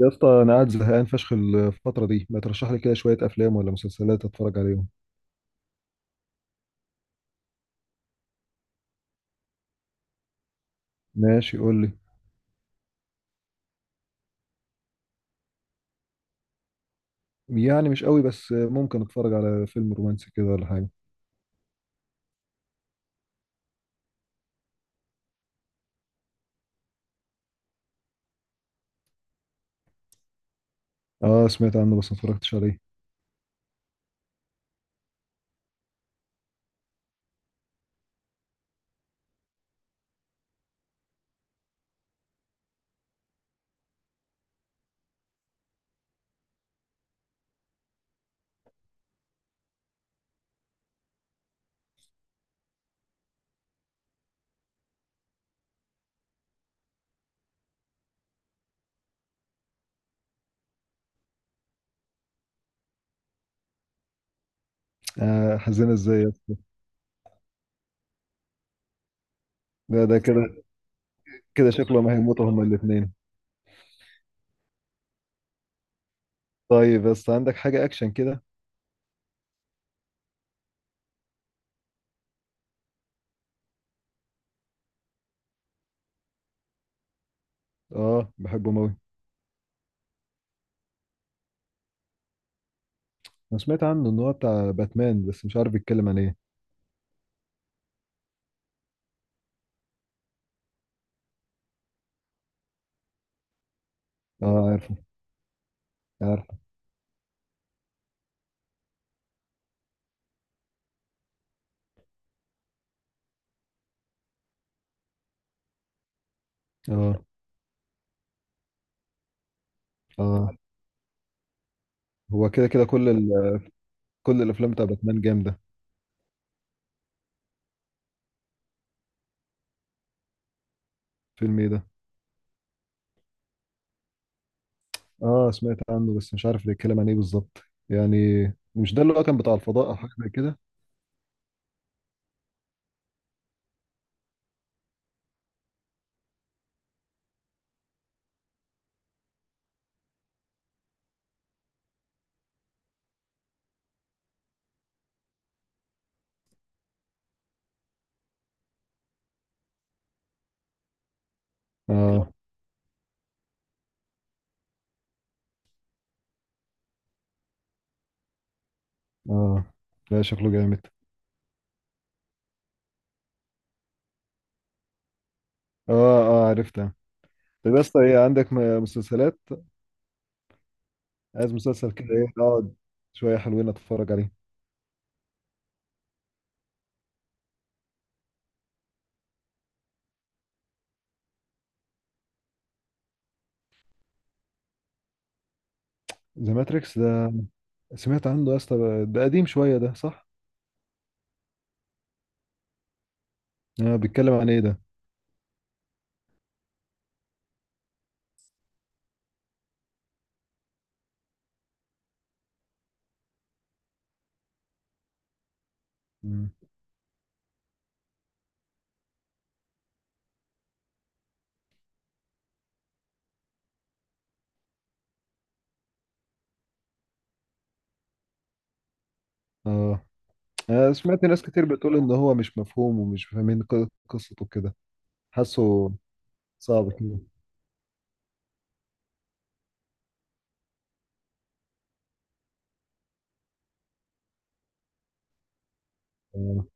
يا اسطى، انا قاعد زهقان فشخ الفتره دي. ما ترشح لي كده شويه افلام ولا مسلسلات اتفرج عليهم؟ ماشي، قول لي. يعني مش قوي، بس ممكن اتفرج على فيلم رومانسي كده ولا حاجه. اه، سمعت عنه بس ما اتفرجتش عليه. آه، حزينه ازاي يا اسطى؟ ده كده. كده شكله ما هيموتوا هما الاثنين. طيب، بس عندك حاجه اكشن كده؟ اه، بحبه موي. انا سمعت عنه ان هو بتاع باتمان، بس مش عارف بيتكلم عن ايه. اه، عارفه. عارفه. اه، اه. هو كده كده كل الافلام بتاع باتمان جامده. فيلم ايه ده؟ اه، سمعت عنه بس مش عارف بيتكلم عن ايه بالظبط، يعني. مش ده اللي هو كان بتاع الفضاء او حاجه زي كده؟ اه، اه. لا، شكله جامد. اه، اه. عرفتها. طب يا اسطى، ايه، عندك مسلسلات؟ عايز مسلسل كده، ايه، اقعد شويه حلوين اتفرج عليه. ذا ماتريكس ده سمعت عنه يا اسطى، ده قديم شويه، ده صح؟ اه، بيتكلم عن ايه ده؟ مم. اه، انا سمعت ناس كتير بتقول ان هو مش مفهوم، ومش فاهمين قصته كده. حاسه صعب كده. آه.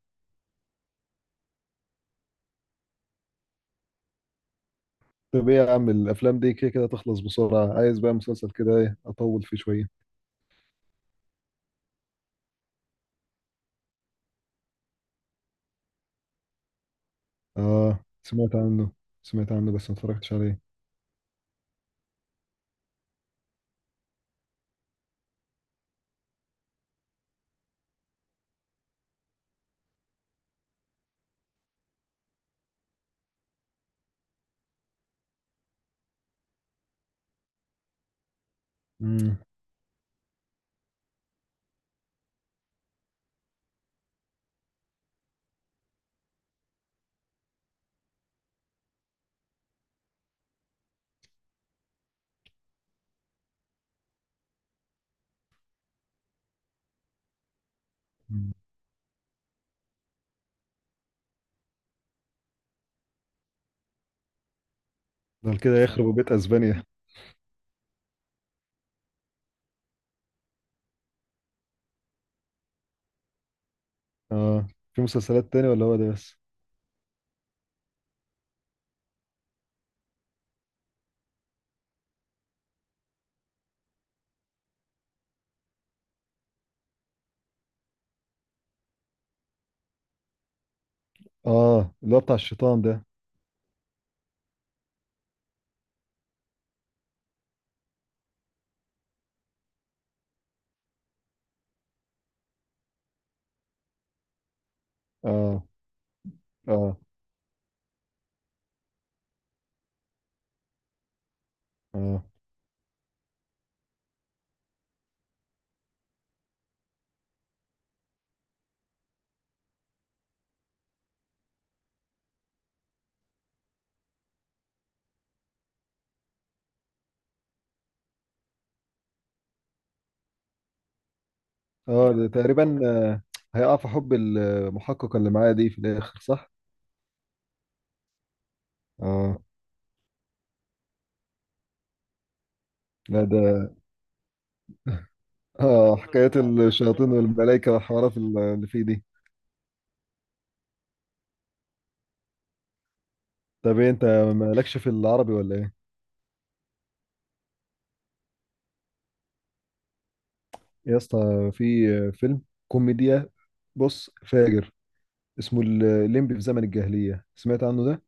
طب ايه يا عم، الافلام دي كده كده تخلص بسرعه. عايز بقى مسلسل كده، ايه، اطول فيه شويه. اه، سمعت عنه. سمعت عنه بس ما اتفرجتش عليه. امم ده كده يخرب بيت اسبانيا. اه، في مسلسلات تاني ولا هو ده بس؟ اه، اللي هو بتاع الشيطان ده. اه، اه، اه، اه، ده تقريبا، هيقع في حب المحقق اللي معايا دي في الاخر، صح؟ اه. لا، ده، اه حكايات الشياطين والملائكه والحوارات اللي فيه دي. طب، إيه، انت مالكش في العربي ولا؟ يا اسطى، في فيلم كوميديا، بص فاجر، اسمه الليمبي في زمن الجاهلية. سمعت عنه ده؟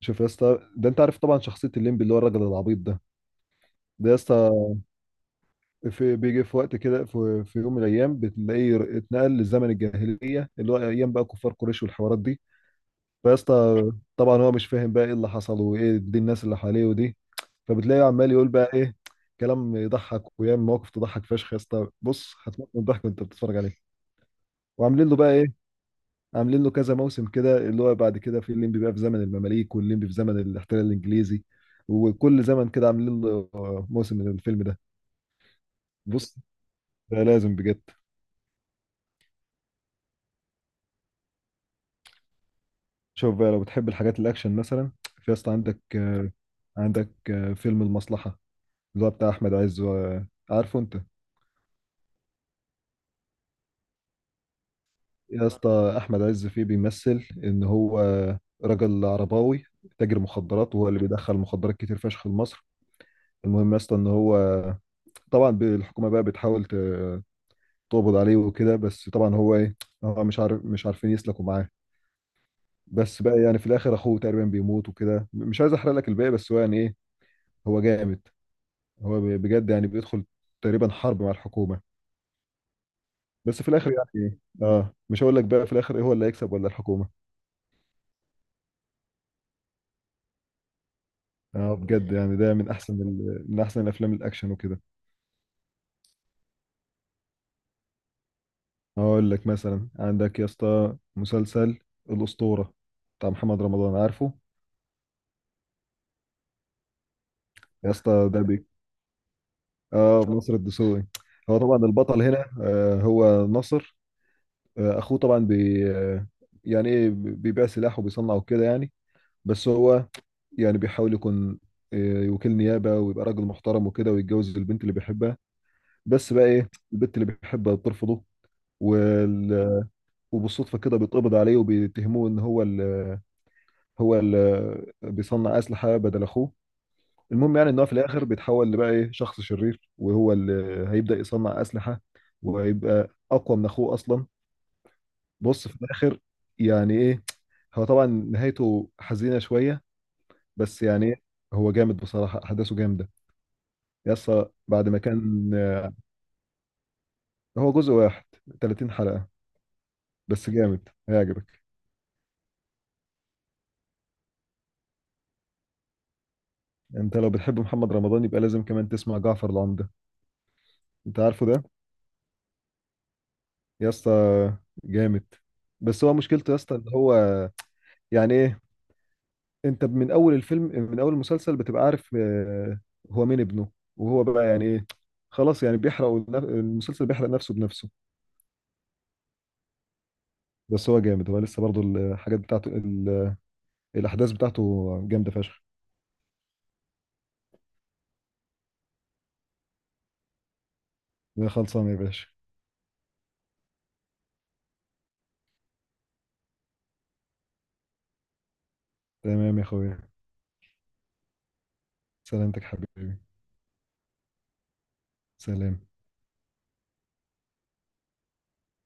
شوف يا اسطى، ده انت عارف طبعا شخصية الليمبي، اللي هو الراجل العبيط ده. ده يا اسطى في بيجي في وقت كده، في يوم من الايام بتلاقيه اتنقل لزمن الجاهلية، اللي هو ايام بقى كفار قريش والحوارات دي. فيا اسطى، طبعا هو مش فاهم بقى ايه اللي حصل، وايه دي الناس اللي حواليه ودي. فبتلاقيه عمال يقول بقى ايه، كلام يضحك، ويعمل مواقف تضحك فشخ. يا اسطى، بص هتموت من الضحك وانت بتتفرج عليه. وعاملين له بقى إيه، عاملين له كذا موسم كده، اللي هو بعد كده في الليمبي بقى في زمن المماليك، والليمبي في زمن الاحتلال الانجليزي، وكل زمن كده عاملين له موسم من الفيلم ده. بص، ده لازم بجد. شوف بقى، لو بتحب الحاجات الاكشن مثلا، في اصلا عندك فيلم المصلحة، اللي هو بتاع احمد عز و- عارفه انت؟ يا اسطى، احمد عز فيه بيمثل ان هو راجل عرباوي، تاجر مخدرات، وهو اللي بيدخل مخدرات كتير فشخ لمصر. المهم يا اسطى، ان هو طبعا، الحكومه بقى بتحاول تقبض عليه وكده، بس طبعا هو ايه، هو مش عارف، مش عارفين يسلكوا معاه. بس بقى يعني في الاخر اخوه تقريبا بيموت وكده، مش عايز احرق لك الباقي، بس هو يعني ايه، هو جامد. هو بجد يعني بيدخل تقريبا حرب مع الحكومة. بس في الاخر يعني ايه، اه، مش هقول لك بقى في الاخر ايه، هو اللي هيكسب ولا الحكومة. اه، بجد يعني ده من احسن من احسن الافلام الاكشن وكده. هقول لك مثلا، عندك يا اسطى مسلسل الاسطورة، بتاع محمد رمضان، عارفه؟ يا اسطى ده، اه، ناصر الدسوقي. هو طبعا البطل هنا، هو ناصر. اخوه طبعا، بي آه، يعني ايه، بيبيع سلاح وبيصنع وكده يعني. بس هو يعني بيحاول يكون، وكيل نيابة، ويبقى راجل محترم وكده، ويتجوز البنت اللي بيحبها. بس بقى ايه، البنت اللي بيحبها بترفضه. وال... وبالصدفة كده بيتقبض عليه، وبيتهموه ان هو هو ال... بيصنع أسلحة بدل اخوه. المهم، يعني ان هو في الاخر بيتحول لبقى ايه، شخص شرير، وهو اللي هيبدأ يصنع اسلحة، وهيبقى اقوى من اخوه اصلا. بص في الاخر، يعني ايه، هو طبعا نهايته حزينة شوية. بس يعني إيه، هو جامد بصراحة، احداثه جامدة. يسا بعد ما كان. هو جزء واحد، 30 حلقة، بس جامد هيعجبك. انت لو بتحب محمد رمضان يبقى لازم كمان تسمع جعفر العمدة. انت عارفه ده. يسا جامد. بس هو مشكلته يا اسطى ان هو، يعني ايه، انت من اول الفيلم من اول المسلسل بتبقى عارف، هو مين ابنه، وهو بقى يعني ايه، خلاص يعني بيحرق المسلسل. بيحرق نفسه بنفسه. بس هو جامد. هو لسه برضو الحاجات بتاعته، الاحداث بتاعته جامده فشخ. خلصانه يا باشا. تمام يا اخويا. سلامتك حبيبي. سلام.